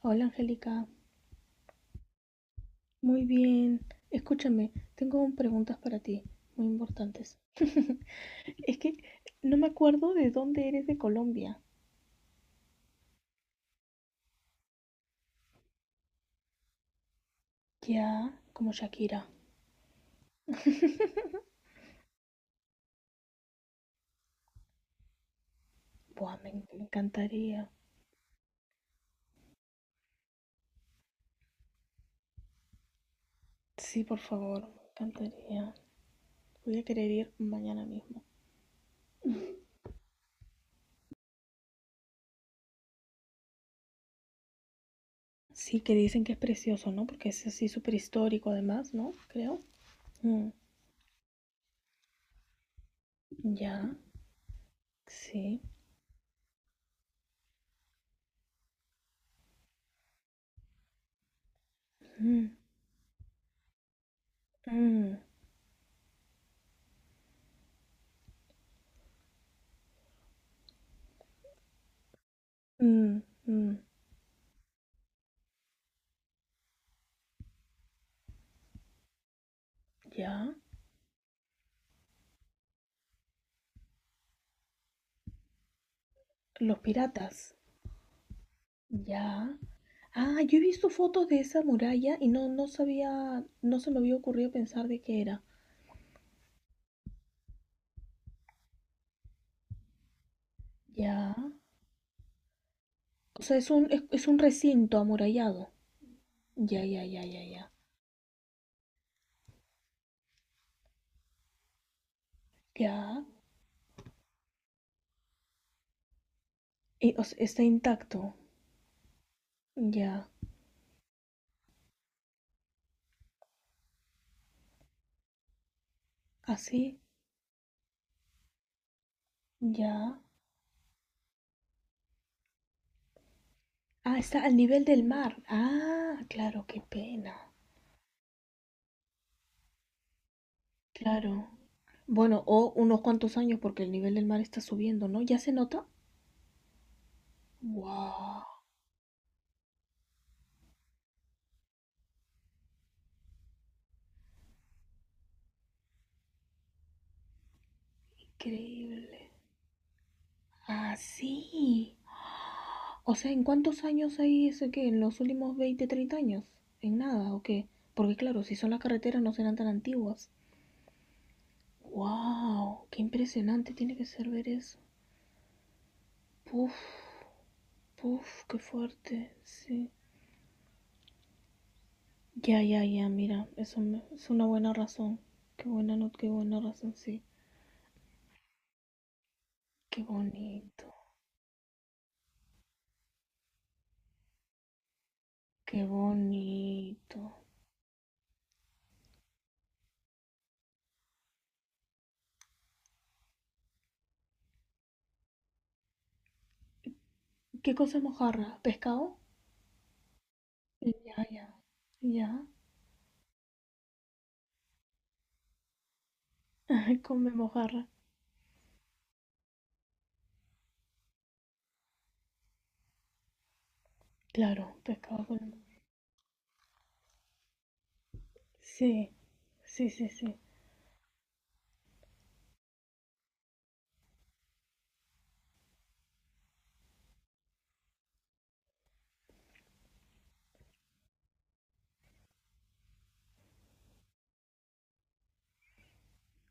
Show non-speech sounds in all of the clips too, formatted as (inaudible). Hola Angélica, muy bien. Escúchame, tengo preguntas para ti, muy importantes. (laughs) Es que no me acuerdo de dónde eres de Colombia. Ya, como Shakira. Buah, me, en- me encantaría. Sí, por favor, me encantaría. Voy a querer ir mañana mismo. Sí, que dicen que es precioso, ¿no? Porque es así súper histórico además, ¿no? Creo. Mm, ya, sí. Mm, mm, mm, mm, ya. Los piratas. Ya. Ah, yo he visto fotos de esa muralla y no, no sabía, no se me había ocurrido pensar de qué era. Ya. O sea, es un recinto amurallado. Ya, ya, ya, ya, ya. Ya. Y, o sea, está intacto. Ya. Así. Ya. Ah, está al nivel del mar. Ah, claro, qué pena. Claro. Bueno, o unos cuantos años porque el nivel del mar está subiendo, ¿no? ¿Ya se nota? ¡Wow! Increíble. Ah, sí. O sea, ¿en cuántos años hay ese qué? ¿En los últimos 20, 30 años? ¿En nada o qué? Porque claro, si son las carreteras no serán tan antiguas. ¡Wow! ¡Qué impresionante tiene que ser ver eso! ¡Puf! ¡Puf! ¡Qué fuerte! Sí. Ya, ya, ya, mira, eso me- es una buena razón. Qué buena not, qué buena razón, sí. Qué bonito, qué bonito. ¿Qué cosa es mojarra? ¿Pescado? Ya, ya, ya. (laughs) Come mojarra. Claro, pescado con... Sí. Sí, sí, sí.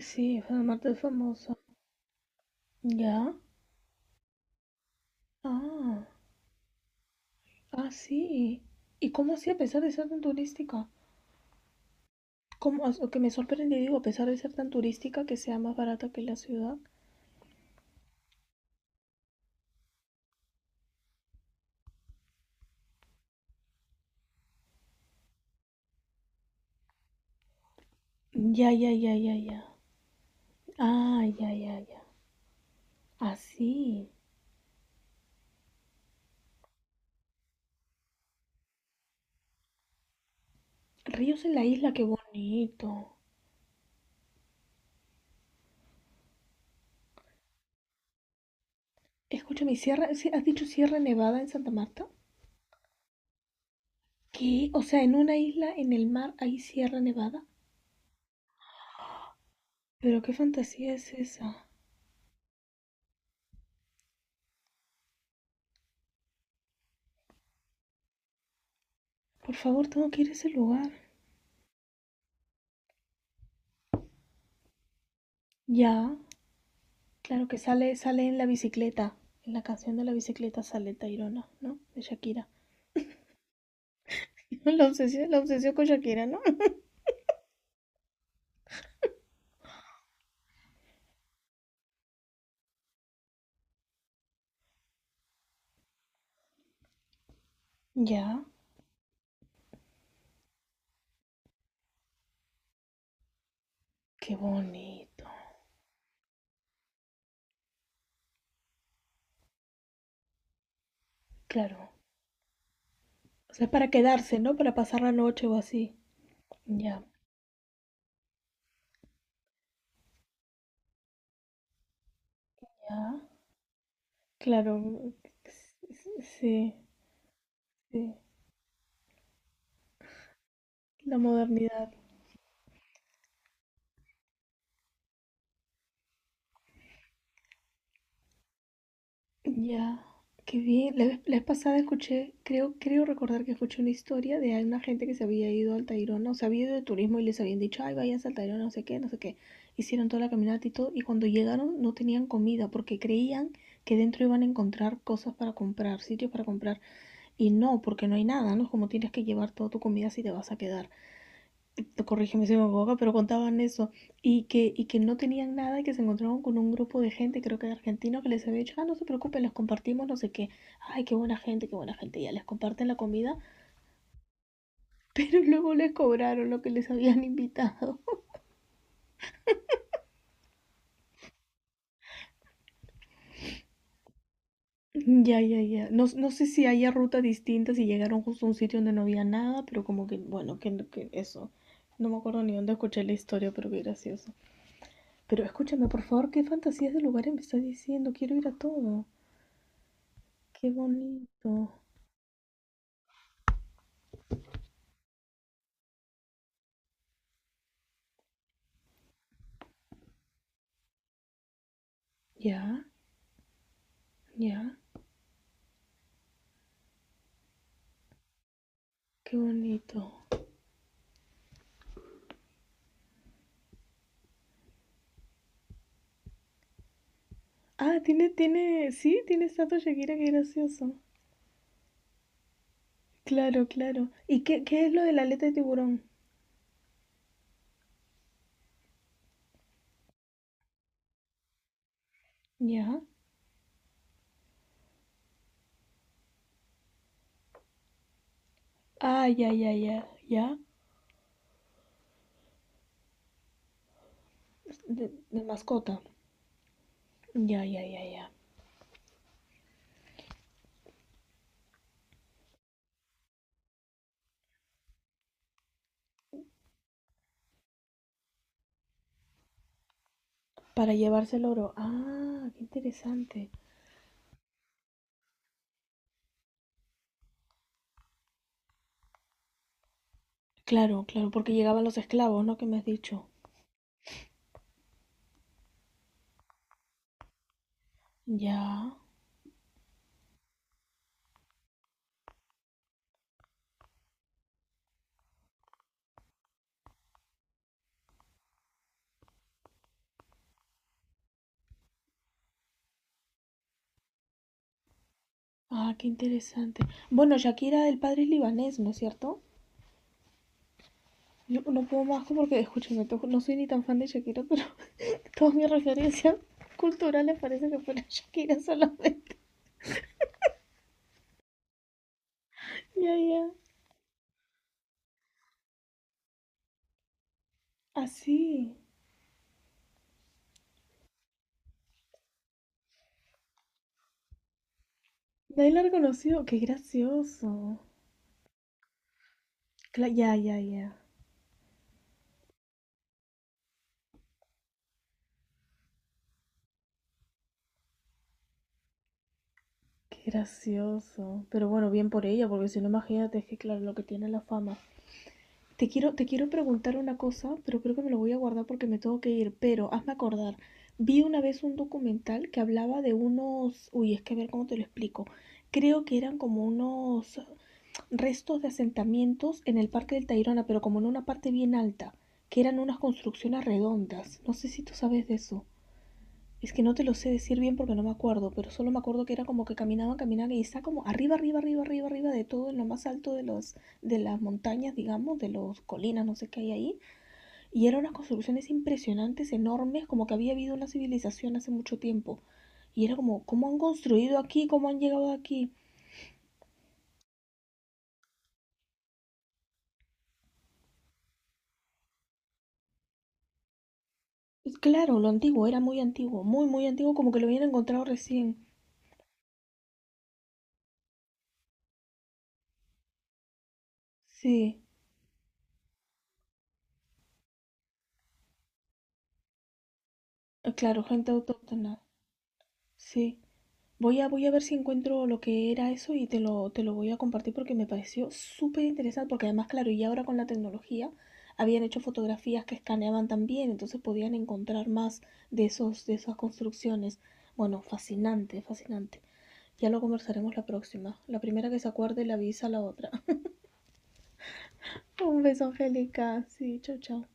Sí, además es famosa. ¿Ya? Ah, ah, sí. ¿Y cómo así a pesar de ser tan turística? ¿Cómo? O sea, que me sorprende, digo, a pesar de ser tan turística, que sea más barata que la ciudad. Ya, ya, ya, ya, ya. Ah, ya, ya, ya. Así. Ríos en la isla, qué bonito. Escúchame, ¿sierra, sí, has dicho Sierra Nevada en Santa Marta? ¿Qué? O sea, ¿en una isla en el mar hay Sierra Nevada? Pero qué fantasía es esa. Por favor, tengo que ir a ese lugar. Ya, claro que sale, sale en la bicicleta. En la canción de la bicicleta sale Tairona, ¿no? De Shakira. (laughs) La obsesión con Shakira, ¿no? Ya, qué bonito. Claro. O sea, para quedarse, ¿no? Para pasar la noche o así. Ya, ya. Claro. Sí, sí. La modernidad. Ya, qué bien. La vez pasada escuché, creo recordar que escuché una historia de una gente que se había ido al Tayrona, o se había ido de turismo y les habían dicho, ay, váyanse al Tayrona, no sé qué, no sé qué. Hicieron toda la caminata y todo, y cuando llegaron no tenían comida porque creían que dentro iban a encontrar cosas para comprar, sitios para comprar, y no, porque no hay nada, ¿no? Es como tienes que llevar toda tu comida si te vas a quedar, corrígeme si me equivoco, pero contaban eso, y que no tenían nada, y que se encontraron con un grupo de gente, creo que argentino, que les había dicho, ah, no se preocupen, les compartimos, no sé qué, ay, qué buena gente, ya les comparten la comida, (laughs) pero luego les cobraron lo que les habían invitado. (laughs) Ya, ya, ya, no, no sé si haya rutas distintas y llegaron justo a un sitio donde no había nada, pero como que, bueno, que eso. No me acuerdo ni dónde escuché la historia, pero qué gracioso. Pero escúchame, por favor, qué fantasías de lugares me estás diciendo. Quiero ir a todo. Qué bonito. Ya, ya, qué bonito. Ah, sí, tiene estatua Shakira, qué gracioso. Claro, claro. ¿Y qué es lo de la aleta de tiburón? Ya. Ah, ya, ya, ya, ya. De mascota. Ya, ya, ya, ya. Para llevarse el oro. Ah, qué interesante. Claro, claro, porque llegaban los esclavos, ¿no? Que me has dicho. Ya. Ah, qué interesante. Bueno, Shakira, el padre es libanés, ¿no es cierto? Yo no puedo más porque, escúchame, to- no soy ni tan fan de Shakira, pero todas mis referencias culturales (laughs) parece que fueron (laughs) Shakira solamente. Ya, yeah, ya. Yeah. Así. Nadie la ha reconocido. Qué gracioso. Cla- ya, yeah, ya, yeah, ya. Yeah. Qué gracioso. Pero bueno, bien por ella, porque si no, imagínate, es que claro, lo que tiene la fama. Te quiero preguntar una cosa, pero creo que me lo voy a guardar porque me tengo que ir. Pero hazme acordar. Vi una vez un documental que hablaba de unos. Uy, es que a ver cómo te lo explico. Creo que eran como unos restos de asentamientos en el Parque del Tayrona, pero como en una parte bien alta, que eran unas construcciones redondas. No sé si tú sabes de eso. Es que no te lo sé decir bien porque no me acuerdo, pero solo me acuerdo que era como que caminaban, caminaban y está como arriba, arriba, arriba, arriba, arriba de todo, en lo más alto de, los, de las montañas, digamos, de las colinas, no sé qué hay ahí. Y eran unas construcciones impresionantes, enormes, como que había habido una civilización hace mucho tiempo. Y era como, ¿cómo han construido aquí? ¿Cómo han llegado aquí? Y claro, lo antiguo, era muy antiguo, muy antiguo, como que lo habían encontrado recién. Sí, claro, gente autóctona. Sí. Voy a ver si encuentro lo que era eso y te lo voy a compartir porque me pareció súper interesante, porque además, claro, y ahora con la tecnología habían hecho fotografías que escaneaban también, entonces podían encontrar más de esos, de esas construcciones. Bueno, fascinante, fascinante. Ya lo conversaremos la próxima. La primera que se acuerde la avisa a la otra. (laughs) Un beso, Angélica. Sí, chao, chao.